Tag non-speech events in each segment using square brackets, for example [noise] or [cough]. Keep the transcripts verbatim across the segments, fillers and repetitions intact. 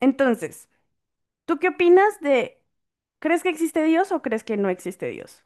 Entonces, ¿tú qué opinas de, ¿crees que existe Dios o crees que no existe Dios?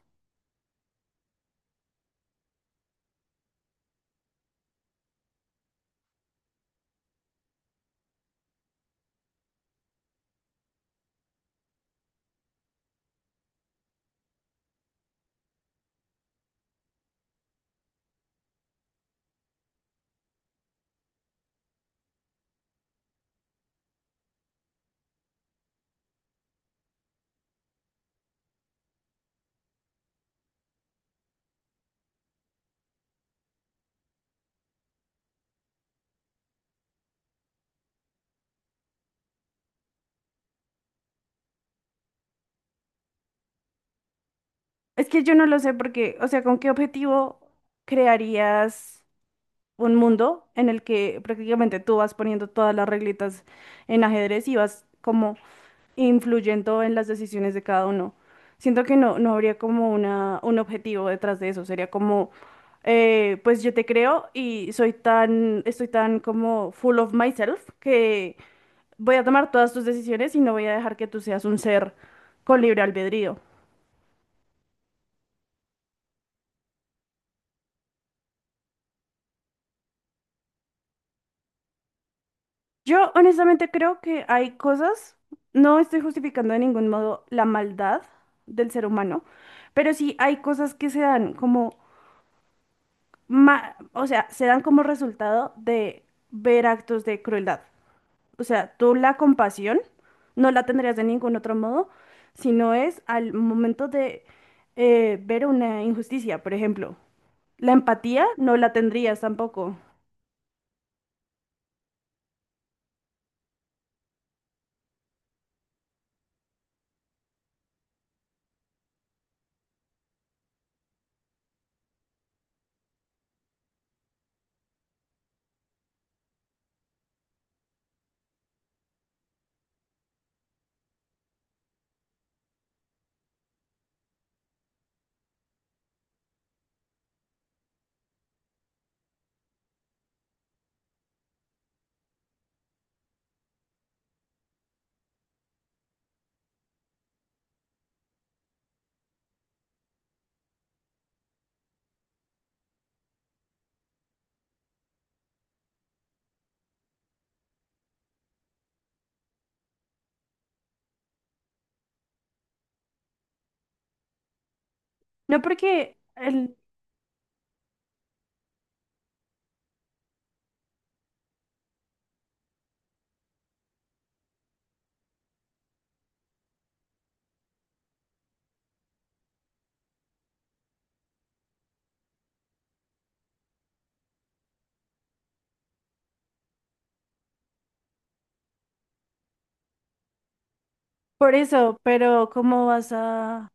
Es que yo no lo sé porque, o sea, ¿con qué objetivo crearías un mundo en el que prácticamente tú vas poniendo todas las reglitas en ajedrez y vas como influyendo en las decisiones de cada uno? Siento que no, no habría como una, un objetivo detrás de eso, sería como, eh, pues yo te creo y soy tan, estoy tan como full of myself que voy a tomar todas tus decisiones y no voy a dejar que tú seas un ser con libre albedrío. Yo honestamente creo que hay cosas, no estoy justificando de ningún modo la maldad del ser humano, pero sí hay cosas que se dan como, ma- o sea, se dan como resultado de ver actos de crueldad. O sea, tú la compasión no la tendrías de ningún otro modo, sino es al momento de eh, ver una injusticia, por ejemplo. La empatía no la tendrías tampoco. No porque el, por eso, pero ¿cómo vas a,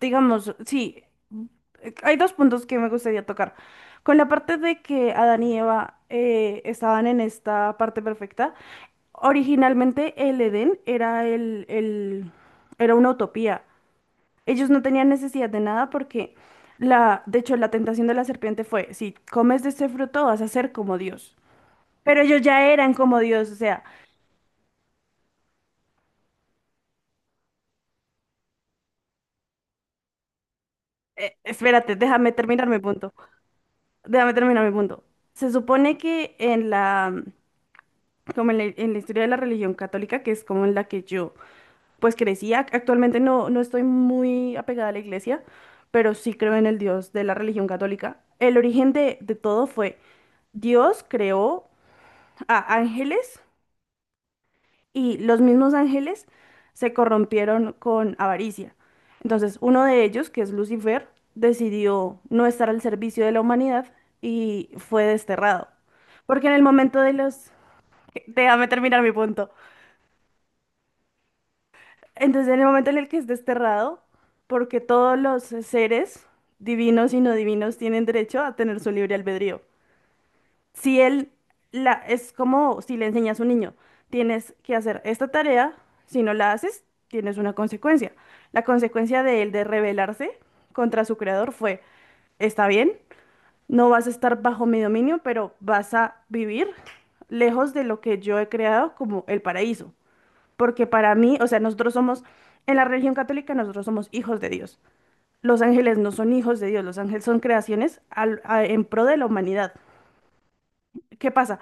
digamos, sí, eh, hay dos puntos que me gustaría tocar. Con la parte de que Adán y Eva eh, estaban en esta parte perfecta, originalmente el Edén era el, el- era una utopía. Ellos no tenían necesidad de nada porque la, de hecho, la tentación de la serpiente fue, si comes de este fruto vas a ser como Dios. Pero ellos ya eran como Dios, o sea, Eh, espérate, déjame terminar mi punto. Déjame terminar mi punto. Se supone que en la, como en la, en la historia de la religión católica, que es como en la que yo pues crecía, ac- actualmente no, no estoy muy apegada a la iglesia, pero sí creo en el Dios de la religión católica. El origen de, de todo fue Dios creó a ángeles y los mismos ángeles se corrompieron con avaricia. Entonces, uno de ellos, que es Lucifer, decidió no estar al servicio de la humanidad y fue desterrado. Porque en el momento de los... Déjame terminar mi punto. Entonces, en el momento en el que es desterrado, porque todos los seres, divinos y no divinos, tienen derecho a tener su libre albedrío. Si él la, es como si le enseñas a un niño, tienes que hacer esta tarea, si no la haces, tienes una consecuencia. La consecuencia de él de rebelarse contra su creador fue, está bien, no vas a estar bajo mi dominio, pero vas a vivir lejos de lo que yo he creado como el paraíso. Porque para mí, o sea, nosotros somos, en la religión católica, nosotros somos hijos de Dios. Los ángeles no son hijos de Dios, los ángeles son creaciones al- a- en pro de la humanidad. ¿Qué pasa?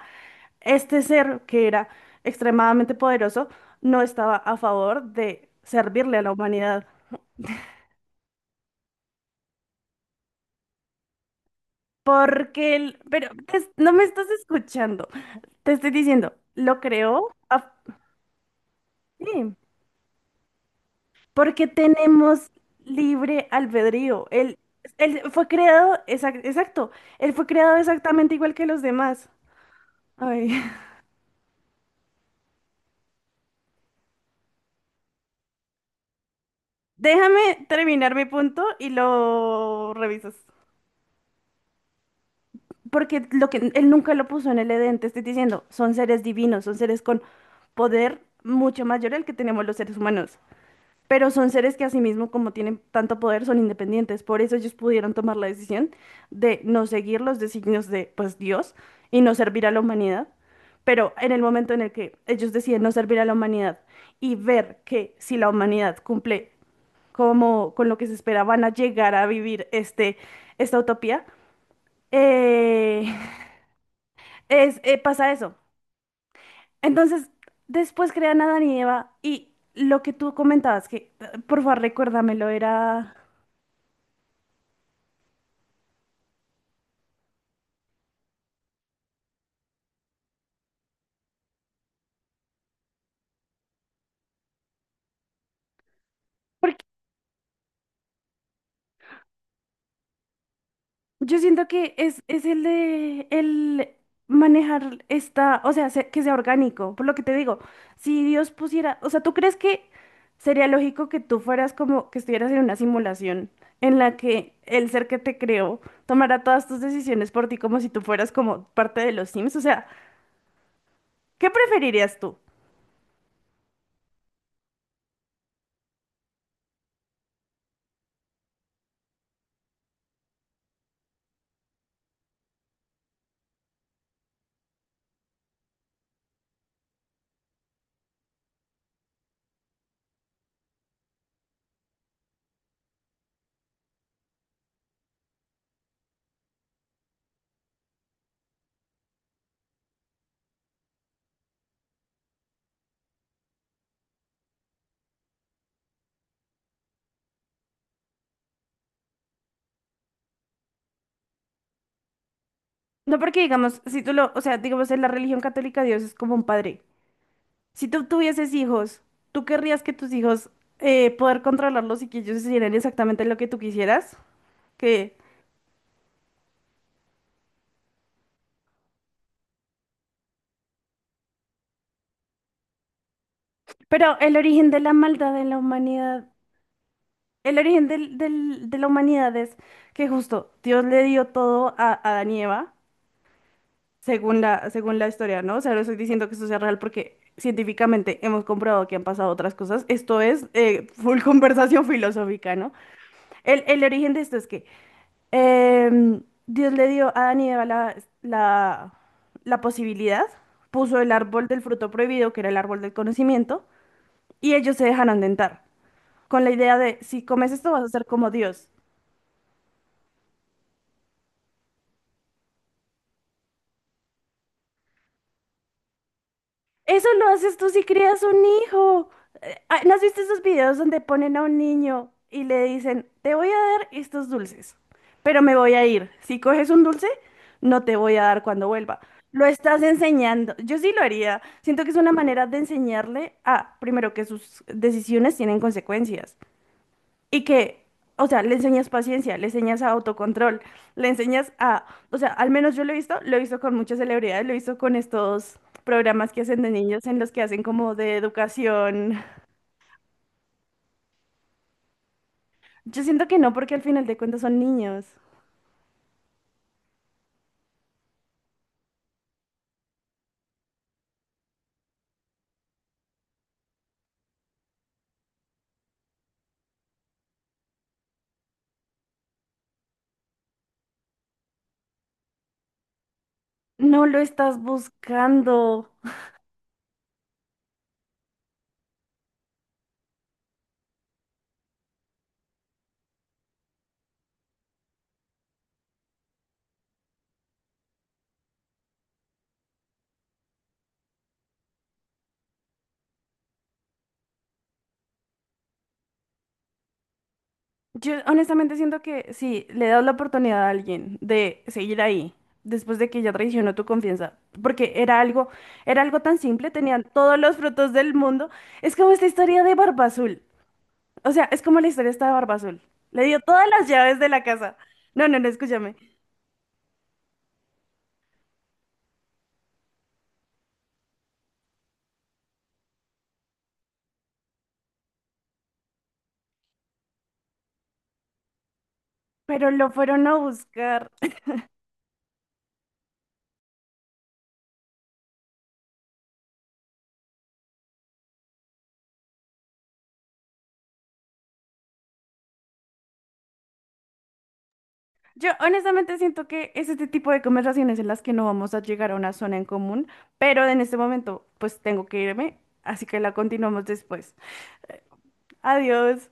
Este ser que era extremadamente poderoso no estaba a favor de servirle a la humanidad. Porque él, pero es- no me estás escuchando, te estoy diciendo, lo creó a- sí, porque tenemos libre albedrío. Él, él fue creado, exac- exacto, él fue creado exactamente igual que los demás. Ay. [laughs] Déjame terminar mi punto y lo revisas. Porque lo que él nunca lo puso en el Edén, te estoy diciendo, son seres divinos, son seres con poder mucho mayor al que tenemos los seres humanos, pero son seres que asimismo, como tienen tanto poder, son independientes, por eso ellos pudieron tomar la decisión de no seguir los designios de, pues, Dios y no servir a la humanidad, pero en el momento en el que ellos deciden no servir a la humanidad y ver que si la humanidad cumple como con lo que se espera, van a llegar a vivir este, esta utopía, eh, es, eh, pasa eso. Entonces, después crean a Adán y Eva y lo que tú comentabas, que eh, por favor recuérdamelo, era... Porque yo siento que es, es el de el manejar esta, o sea, se- que sea orgánico, por lo que te digo, si Dios pusiera, o sea, ¿tú crees que sería lógico que tú fueras como que estuvieras en una simulación en la que el ser que te creó tomara todas tus decisiones por ti como si tú fueras como parte de los Sims? O sea, ¿qué preferirías tú? No, porque digamos, si tú lo, o sea, digamos, en la religión católica Dios es como un padre. Si tú tuvieses hijos, ¿tú querrías que tus hijos eh, poder controlarlos y que ellos hicieran exactamente lo que tú quisieras? Que... Pero el origen de la maldad en la humanidad, el origen del- del- de la humanidad es que justo Dios le dio todo a a Adán y Eva, según la, según la historia, ¿no? O sea, no estoy diciendo que esto sea real porque científicamente hemos comprobado que han pasado otras cosas. Esto es eh, full [laughs] conversación filosófica, ¿no? El, el origen de esto es que em, Dios le dio a Adán y Eva la, la, la posibilidad, puso el árbol del fruto prohibido, que era el árbol del conocimiento, y ellos se dejaron tentar, con la idea de, si comes esto vas a ser como Dios. Eso lo haces tú si crías un hijo. Eh, ah, ¿No has visto esos videos donde ponen a un niño y le dicen, te voy a dar estos dulces, pero me voy a ir? Si coges un dulce, no te voy a dar cuando vuelva. Lo estás enseñando. Yo sí lo haría. Siento que es una manera de enseñarle a, primero, que sus decisiones tienen consecuencias. Y que, o sea, le enseñas paciencia, le enseñas a autocontrol, le enseñas a, o sea, al menos yo lo he visto, lo he visto con muchas celebridades, lo he visto con estos programas que hacen de niños en los que hacen como de educación. Yo siento que no, porque al final de cuentas son niños. No lo estás buscando. Yo honestamente siento que si le das la oportunidad a alguien de seguir ahí, después de que ya traicionó tu confianza, porque era algo, era algo tan simple, tenían todos los frutos del mundo. Es como esta historia de Barba Azul. O sea, es como la historia esta de Barba Azul. Le dio todas las llaves de la casa. No, no, no, escúchame. Pero lo fueron a buscar. Yo honestamente siento que es este tipo de conversaciones en las que no vamos a llegar a una zona en común, pero en este momento pues tengo que irme, así que la continuamos después. Adiós.